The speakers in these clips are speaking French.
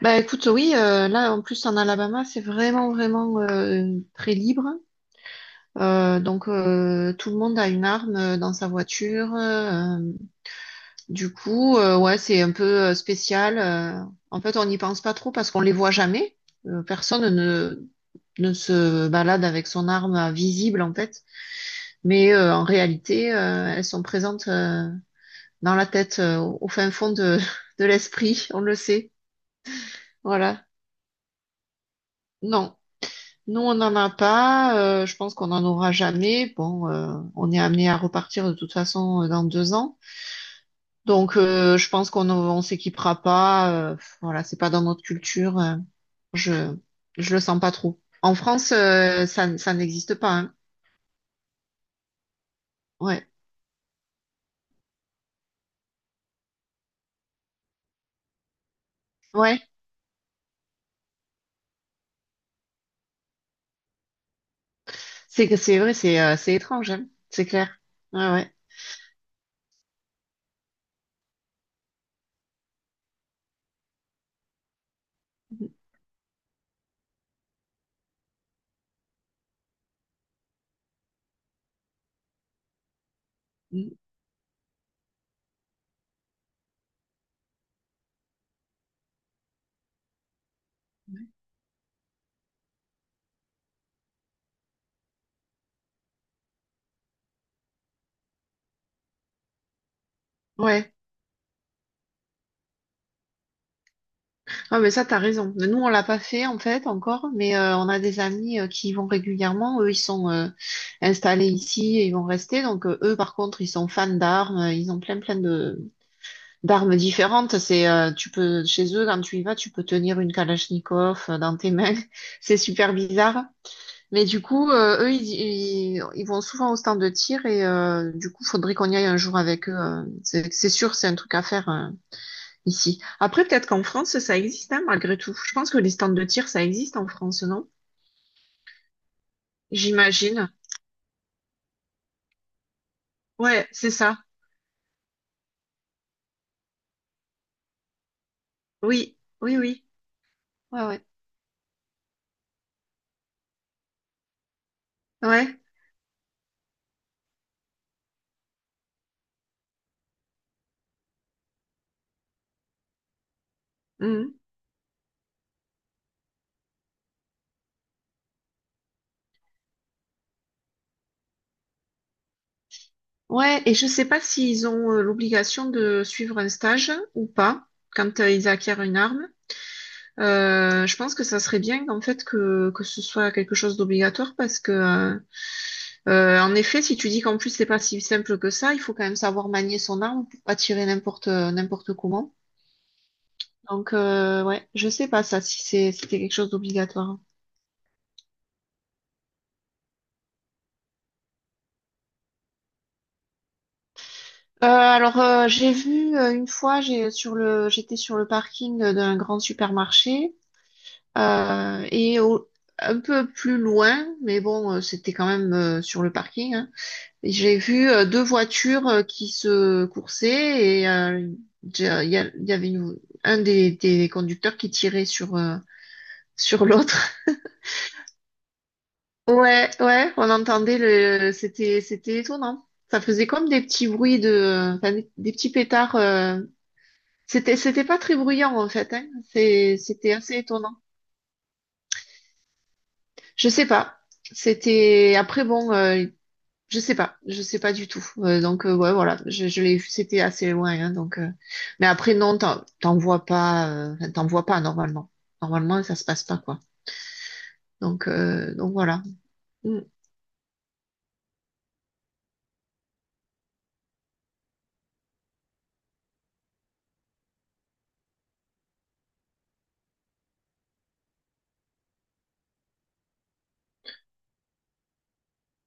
Bah écoute, oui, là en plus en Alabama, c'est vraiment très libre. Donc tout le monde a une arme dans sa voiture. Du coup, ouais, c'est un peu spécial. En fait, on n'y pense pas trop parce qu'on les voit jamais. Personne ne se balade avec son arme à visible en fait, mais en réalité, elles sont présentes dans la tête, au fin fond de de l'esprit, on le sait. Voilà. Non. Nous, on n'en a pas. Je pense qu'on n'en aura jamais. Bon, on est amené à repartir de toute façon dans deux ans. Donc, je pense qu'on on s'équipera pas. Voilà, c'est pas dans notre culture. Je je le sens pas trop. En France, ça n'existe pas. Hein. Ouais, ouais. C'est que c'est vrai, c'est étrange. Hein. C'est clair. Ouais, ouais. Mm, mm. Ouais. Ah, mais ça, t'as raison. Mais nous, on l'a pas fait, en fait, encore, mais on a des amis qui y vont régulièrement. Eux, ils sont installés ici et ils vont rester. Donc, eux, par contre, ils sont fans d'armes. Ils ont plein de d'armes différentes. Tu peux, chez eux, quand tu y vas, tu peux tenir une Kalachnikov dans tes mains. C'est super bizarre. Mais du coup, ils vont souvent au stand de tir et du coup, faudrait qu'on y aille un jour avec eux. C'est sûr, c'est un truc à faire. Hein, ici. Après, peut-être qu'en France, ça existe, hein, malgré tout. Je pense que les stands de tir, ça existe en France, non? J'imagine. Ouais, c'est ça. Oui, oui, oui. Ouais, ouais. Ouais. Mhm. Ouais, et je sais pas s'ils ont l'obligation de suivre un stage ou pas quand ils acquièrent une arme. Je pense que ça serait bien en fait que ce soit quelque chose d'obligatoire parce que en effet, si tu dis qu'en plus c'est pas si simple que ça, il faut quand même savoir manier son arme pour pas tirer n'importe comment. Donc, ouais, je sais pas ça si c'était quelque chose d'obligatoire. Alors, j'ai vu une fois, j'étais sur le parking d'un grand supermarché euh, et au- un peu plus loin, mais bon, c'était quand même sur le parking. Hein, et j'ai vu deux voitures qui se coursaient et il y avait un des conducteurs qui tirait sur l'autre. Ouais, ouais, on entendait c'était, c'était étonnant. Ça faisait comme des petits bruits de, enfin, des petits pétards. C'était, c'était pas très bruyant en fait. Hein. C'était assez étonnant. Je sais pas. C'était après bon, je sais pas du tout. Donc ouais, voilà, je l'ai vu. C'était assez loin. Hein, donc, mais après non, t'en, t'en vois pas, enfin, t'en vois pas normalement. Normalement, ça se passe pas quoi. Donc voilà. Mm.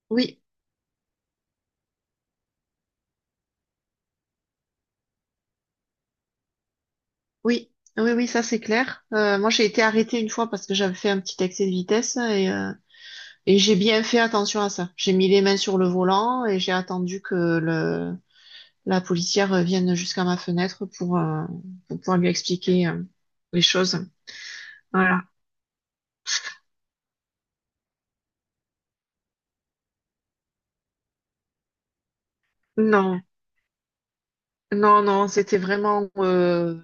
Oui. Oui, oui, oui, ça c'est clair. Moi, j'ai été arrêtée une fois parce que j'avais fait un petit excès de vitesse et et j'ai bien fait attention à ça. J'ai mis les mains sur le volant et j'ai attendu que le, la policière vienne jusqu'à ma fenêtre pour pour pouvoir lui expliquer les choses. Voilà. Non, non, non, c'était vraiment.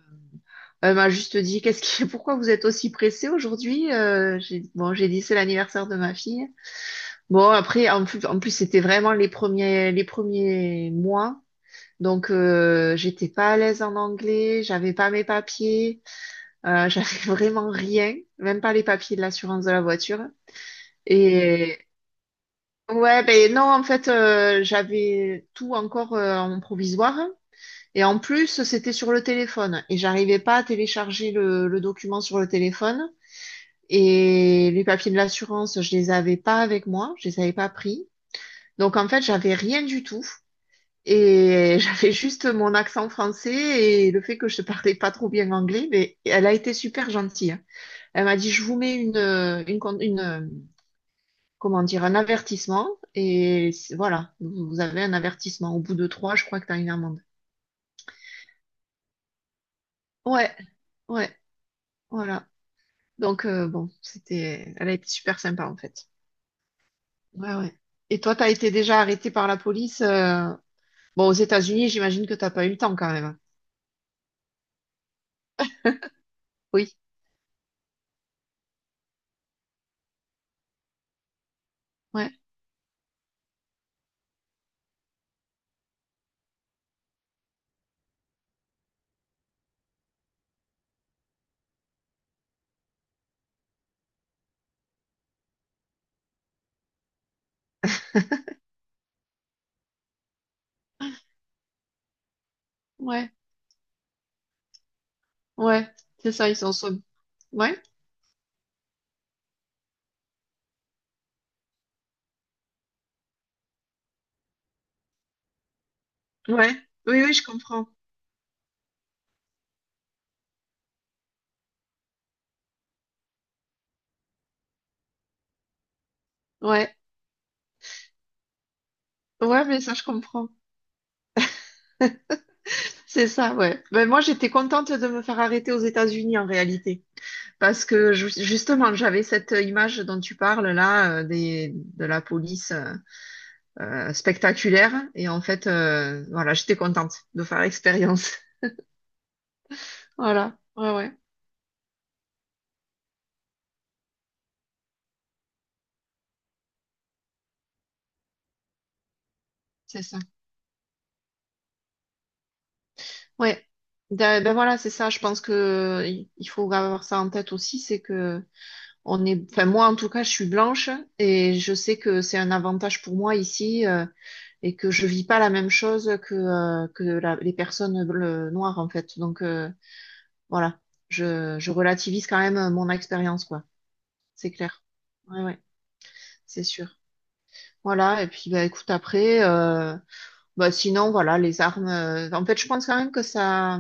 Elle m'a juste dit, pourquoi vous êtes aussi pressée aujourd'hui? J'ai dit c'est l'anniversaire de ma fille. Bon, après, en plus c'était vraiment les premiers mois. Donc, j'étais pas à l'aise en anglais, j'avais pas mes papiers, j'avais vraiment rien, même pas les papiers de l'assurance de la voiture. Et ouais, ben non, en fait, j'avais tout encore en provisoire. Et en plus, c'était sur le téléphone. Et j'arrivais pas à télécharger le document sur le téléphone. Et les papiers de l'assurance, je les avais pas avec moi, je les avais pas pris. Donc, en fait, j'avais rien du tout. Et j'avais juste mon accent français et le fait que je parlais pas trop bien anglais, mais elle a été super gentille. Hein. Elle m'a dit, je vous mets une, con- une, comment dire, un avertissement et voilà, vous avez un avertissement. Au bout de trois, je crois que tu as une amende. Ouais, ouais, voilà. Donc bon, c'était, elle a été super sympa en fait. Ouais, ouais. Et toi, t'as été déjà arrêté par la police. Bon, aux États-Unis, j'imagine que t'as pas eu le temps quand même. Oui, ouais, ouais, ouais. C'est ça, ils sont so. Ouais, ouais, oui, oui, je comprends. Ouais, ouais, mais ça, je comprends. C'est ça, ouais. Ben, moi, j'étais contente de me faire arrêter aux États-Unis en réalité, parce que justement, j'avais cette image dont tu parles là, de la police spectaculaire, et en fait, voilà, j'étais contente de faire l'expérience. Voilà, ouais, ouais, c'est ça. Ouais. Ben, voilà, c'est ça. Je pense que il faut avoir ça en tête aussi, c'est que on est, enfin moi en tout cas, je suis blanche et je sais que c'est un avantage pour moi ici et que je vis pas la même chose que les personnes noires en fait. Donc voilà, je relativise quand même mon expérience quoi. C'est clair. Ouais ouais, c'est sûr. Voilà et puis bah écoute après, bah sinon voilà les armes. En fait, je pense quand même que ça.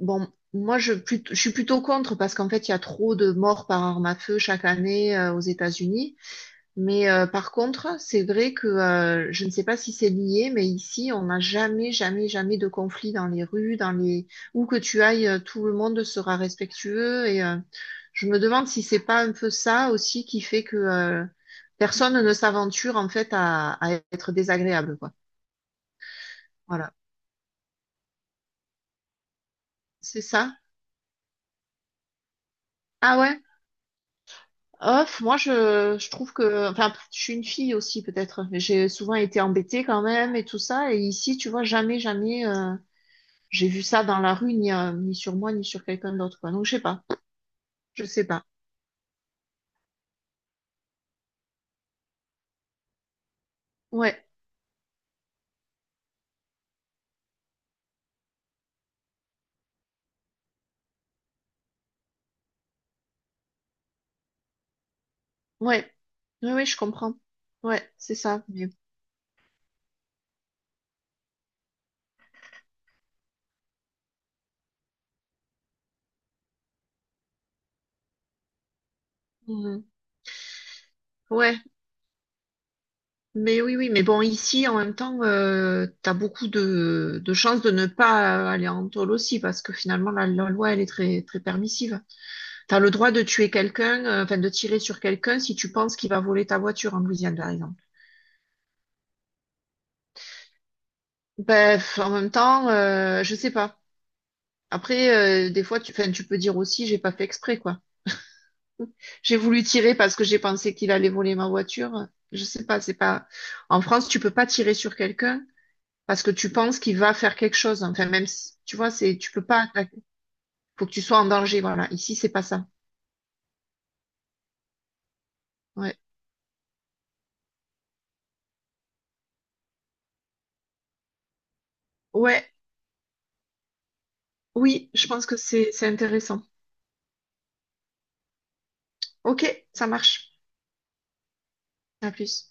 Bon, je suis plutôt contre parce qu'en fait il y a trop de morts par arme à feu chaque année aux États-Unis. Mais par contre, c'est vrai que je ne sais pas si c'est lié, mais ici, on n'a jamais, jamais, jamais de conflit dans les rues, dans les où que tu ailles, tout le monde sera respectueux. Et je me demande si c'est pas un peu ça aussi qui fait que personne ne s'aventure en fait à être désagréable, quoi. Voilà, c'est ça. Ah ouais. Off, je trouve que, enfin, je suis une fille aussi peut-être, mais j'ai souvent été embêtée quand même et tout ça. Et ici, tu vois, jamais, jamais. J'ai vu ça dans la rue, ni, ni sur moi, ni sur quelqu'un d'autre, quoi. Donc, je sais pas. Je sais pas. Ouais, ouais. Oui, oui, je comprends. Ouais, c'est ça. Mais... Mhm. Ouais, mais oui, oui. Mais bon, ici, en même temps, t'as beaucoup de chances de ne pas aller en tôle aussi, parce que finalement, la loi, elle est très, très permissive. T'as le droit de tuer quelqu'un, enfin, de tirer sur quelqu'un si tu penses qu'il va voler ta voiture en Louisiane, par exemple. Bref, en même temps, je sais pas. Après, des fois, tu, enfin, tu peux dire aussi, j'ai pas fait exprès, quoi. J'ai voulu tirer parce que j'ai pensé qu'il allait voler ma voiture. Je sais pas, c'est pas. En France, tu peux pas tirer sur quelqu'un parce que tu penses qu'il va faire quelque chose. Enfin, même si, tu vois, c'est, tu peux pas. Attaquer. Faut que tu sois en danger. Voilà. Ici, c'est pas ça. Ouais. Ouais. Oui, je pense que c'est intéressant. Ok, ça marche. À plus.